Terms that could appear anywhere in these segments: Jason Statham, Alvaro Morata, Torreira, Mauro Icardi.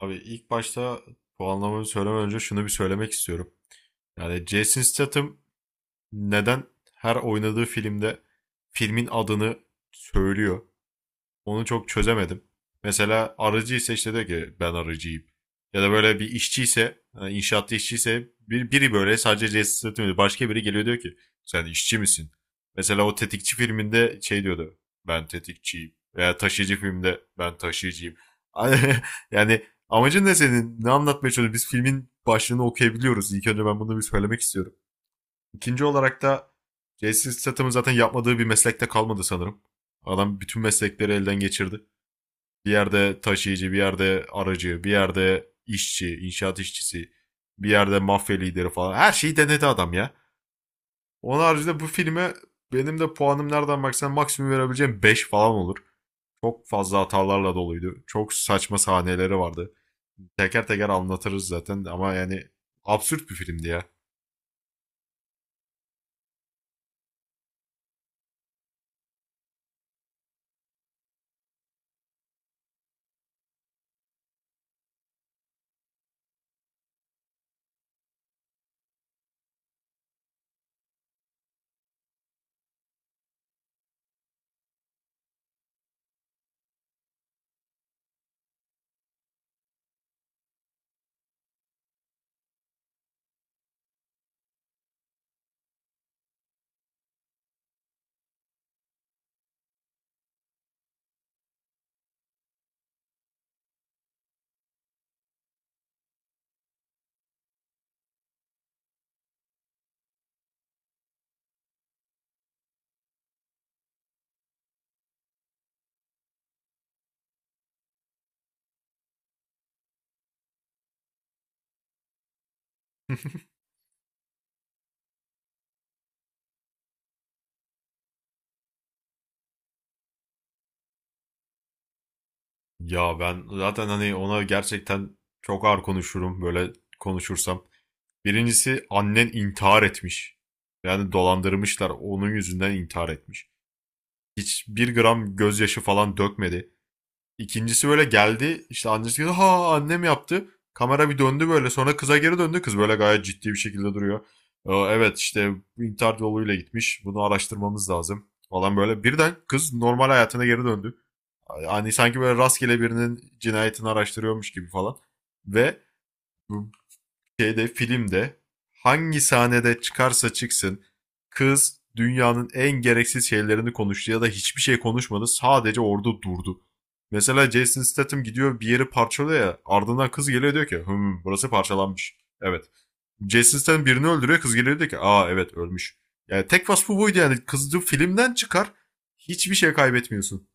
Abi ilk başta puanlamamı söylemeden önce şunu bir söylemek istiyorum. Yani Jason Statham neden her oynadığı filmde filmin adını söylüyor? Onu çok çözemedim. Mesela arıcı ise işte diyor ki ben arıcıyım. Ya da böyle bir işçiyse, yani inşaatta işçiyse biri böyle sadece cesaret ediyor. Başka biri geliyor diyor ki sen işçi misin? Mesela o tetikçi filminde şey diyordu ben tetikçiyim. Veya taşıyıcı filmde ben taşıyıcıyım. Yani amacın ne senin? Ne anlatmaya çalışıyorsun? Biz filmin başlığını okuyabiliyoruz. İlk önce ben bunu bir söylemek istiyorum. İkinci olarak da Jason Statham'ın zaten yapmadığı bir meslekte kalmadı sanırım. Adam bütün meslekleri elden geçirdi. Bir yerde taşıyıcı, bir yerde aracı, bir yerde işçi, inşaat işçisi, bir yerde mafya lideri falan. Her şeyi denedi adam ya. Onun haricinde bu filme benim de puanım nereden baksan maksimum verebileceğim 5 falan olur. Çok fazla hatalarla doluydu. Çok saçma sahneleri vardı. Teker teker anlatırız zaten ama yani absürt bir filmdi ya. Ya ben zaten hani ona gerçekten çok ağır konuşurum böyle konuşursam. Birincisi annen intihar etmiş. Yani dolandırmışlar. Onun yüzünden intihar etmiş. Hiçbir gram gözyaşı falan dökmedi. İkincisi böyle geldi. İşte annesi dedi ha annem yaptı. Kamera bir döndü böyle. Sonra kıza geri döndü. Kız böyle gayet ciddi bir şekilde duruyor. "Evet işte intihar yoluyla gitmiş. Bunu araştırmamız lazım falan böyle. Birden kız normal hayatına geri döndü. Yani sanki böyle rastgele birinin cinayetini araştırıyormuş gibi falan. Ve şeyde filmde hangi sahnede çıkarsa çıksın kız dünyanın en gereksiz şeylerini konuştu ya da hiçbir şey konuşmadı sadece orada durdu. Mesela Jason Statham gidiyor bir yeri parçalıyor ya ardından kız geliyor diyor ki hım burası parçalanmış. Evet. Jason Statham birini öldürüyor kız geliyor diyor ki aa evet ölmüş. Yani tek vasfı buydu yani kızcı filmden çıkar hiçbir şey kaybetmiyorsun.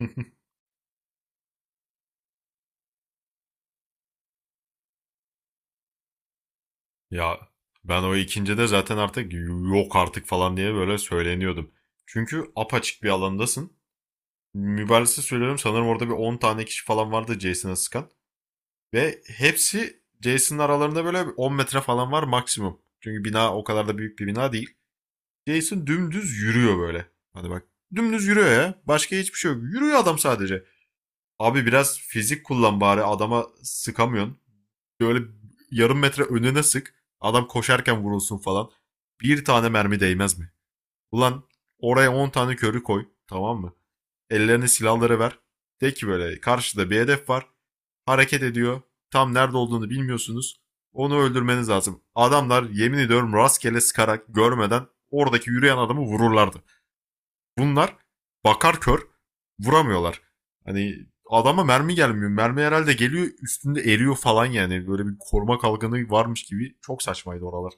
Ya ben o ikincide zaten artık yok artık falan diye böyle söyleniyordum. Çünkü apaçık bir alandasın. Mübarese söylüyorum sanırım orada bir 10 tane kişi falan vardı Jason'a sıkan. Ve hepsi Jason'ın aralarında böyle 10 metre falan var maksimum. Çünkü bina o kadar da büyük bir bina değil. Jason dümdüz yürüyor böyle. Hadi bak dümdüz yürüyor ya. Başka hiçbir şey yok. Yürüyor adam sadece. Abi biraz fizik kullan bari adama sıkamıyorsun. Böyle yarım metre önüne sık. Adam koşarken vurulsun falan. Bir tane mermi değmez mi? Ulan oraya 10 tane körü koy. Tamam mı? Ellerine silahları ver. De ki böyle karşıda bir hedef var. Hareket ediyor. Tam nerede olduğunu bilmiyorsunuz. Onu öldürmeniz lazım. Adamlar yemin ediyorum rastgele sıkarak görmeden oradaki yürüyen adamı vururlardı bunlar, bakar kör vuramıyorlar. Hani adama mermi gelmiyor. Mermi herhalde geliyor üstünde eriyor falan yani. Böyle bir koruma kalkanı varmış gibi. Çok saçmaydı oralar.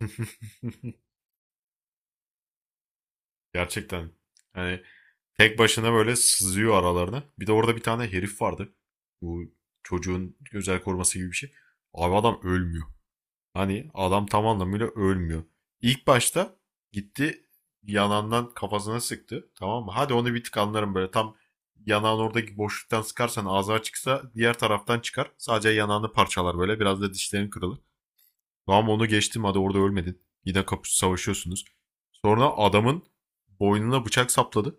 Gerçekten. Yani tek başına böyle sızıyor aralarına. Bir de orada bir tane herif vardı. Bu çocuğun özel koruması gibi bir şey. Abi adam ölmüyor. Hani adam tam anlamıyla ölmüyor. İlk başta gitti yanağından kafasına sıktı. Tamam mı? Hadi onu bir tık anlarım böyle. Tam yanağın oradaki boşluktan sıkarsan ağzı açıksa diğer taraftan çıkar. Sadece yanağını parçalar böyle. Biraz da dişlerin kırılır. Tamam onu geçtim hadi orada ölmedin. Yine kapış savaşıyorsunuz. Sonra adamın boynuna bıçak sapladı.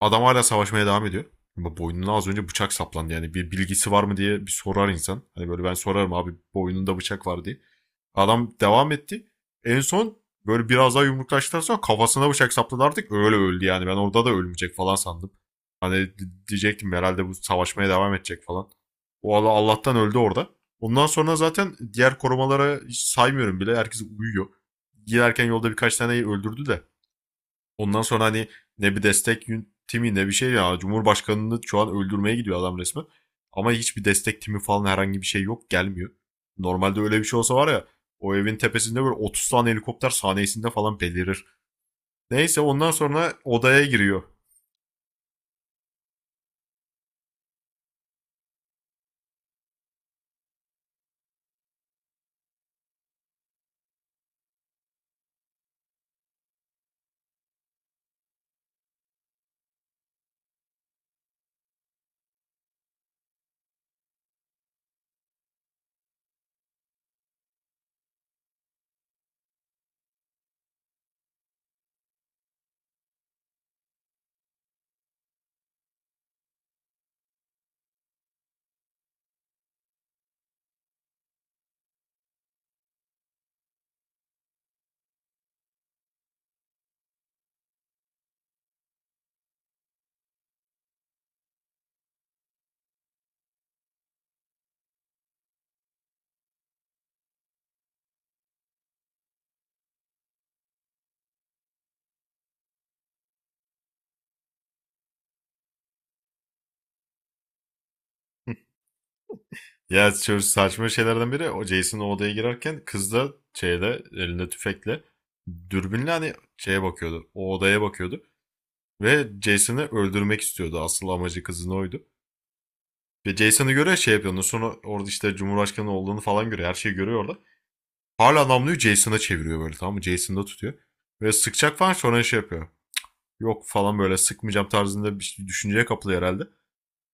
Adam hala savaşmaya devam ediyor. Ama boynuna az önce bıçak saplandı. Yani bir bilgisi var mı diye bir sorar insan. Hani böyle ben sorarım abi boynunda bıçak var diye. Adam devam etti. En son böyle biraz daha yumruklaştıktan sonra kafasına bıçak sapladı artık. Öyle öldü yani. Ben orada da ölmeyecek falan sandım. Hani diyecektim herhalde bu savaşmaya devam edecek falan. O Allah'tan öldü orada. Ondan sonra zaten diğer korumalara hiç saymıyorum bile. Herkes uyuyor. Giderken yolda birkaç taneyi öldürdü de. Ondan sonra hani ne bir destek timi ne bir şey ya. Cumhurbaşkanını şu an öldürmeye gidiyor adam resmen. Ama hiçbir destek timi falan herhangi bir şey yok gelmiyor. Normalde öyle bir şey olsa var ya o evin tepesinde böyle 30 tane helikopter saniyesinde falan belirir. Neyse ondan sonra odaya giriyor. Ya şöyle saçma şeylerden biri o Jason odaya girerken kız da şeyde elinde tüfekle dürbünle hani şeye bakıyordu. O odaya bakıyordu. Ve Jason'ı öldürmek istiyordu. Asıl amacı kızın oydu. Ve Jason'ı görüyor şey yapıyor. Ondan sonra orada işte Cumhurbaşkanı olduğunu falan görüyor. Her şeyi görüyor orada. Hala namluyu Jason'a çeviriyor böyle, tamam mı? Jason'da tutuyor. Ve sıkacak falan sonra şey yapıyor. Yok falan böyle sıkmayacağım tarzında bir şey, düşünceye kapılıyor herhalde.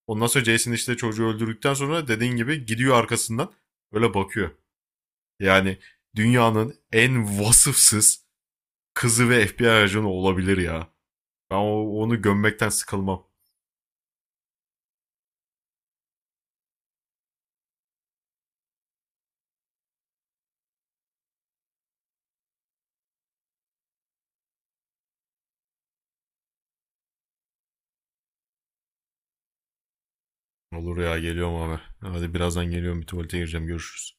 Ondan sonra Jason işte çocuğu öldürdükten sonra dediğin gibi gidiyor arkasından böyle bakıyor. Yani dünyanın en vasıfsız kızı ve FBI ajanı olabilir ya. Ben onu gömmekten sıkılmam. Olur ya geliyorum abi. Hadi birazdan geliyorum bir tuvalete gireceğim görüşürüz.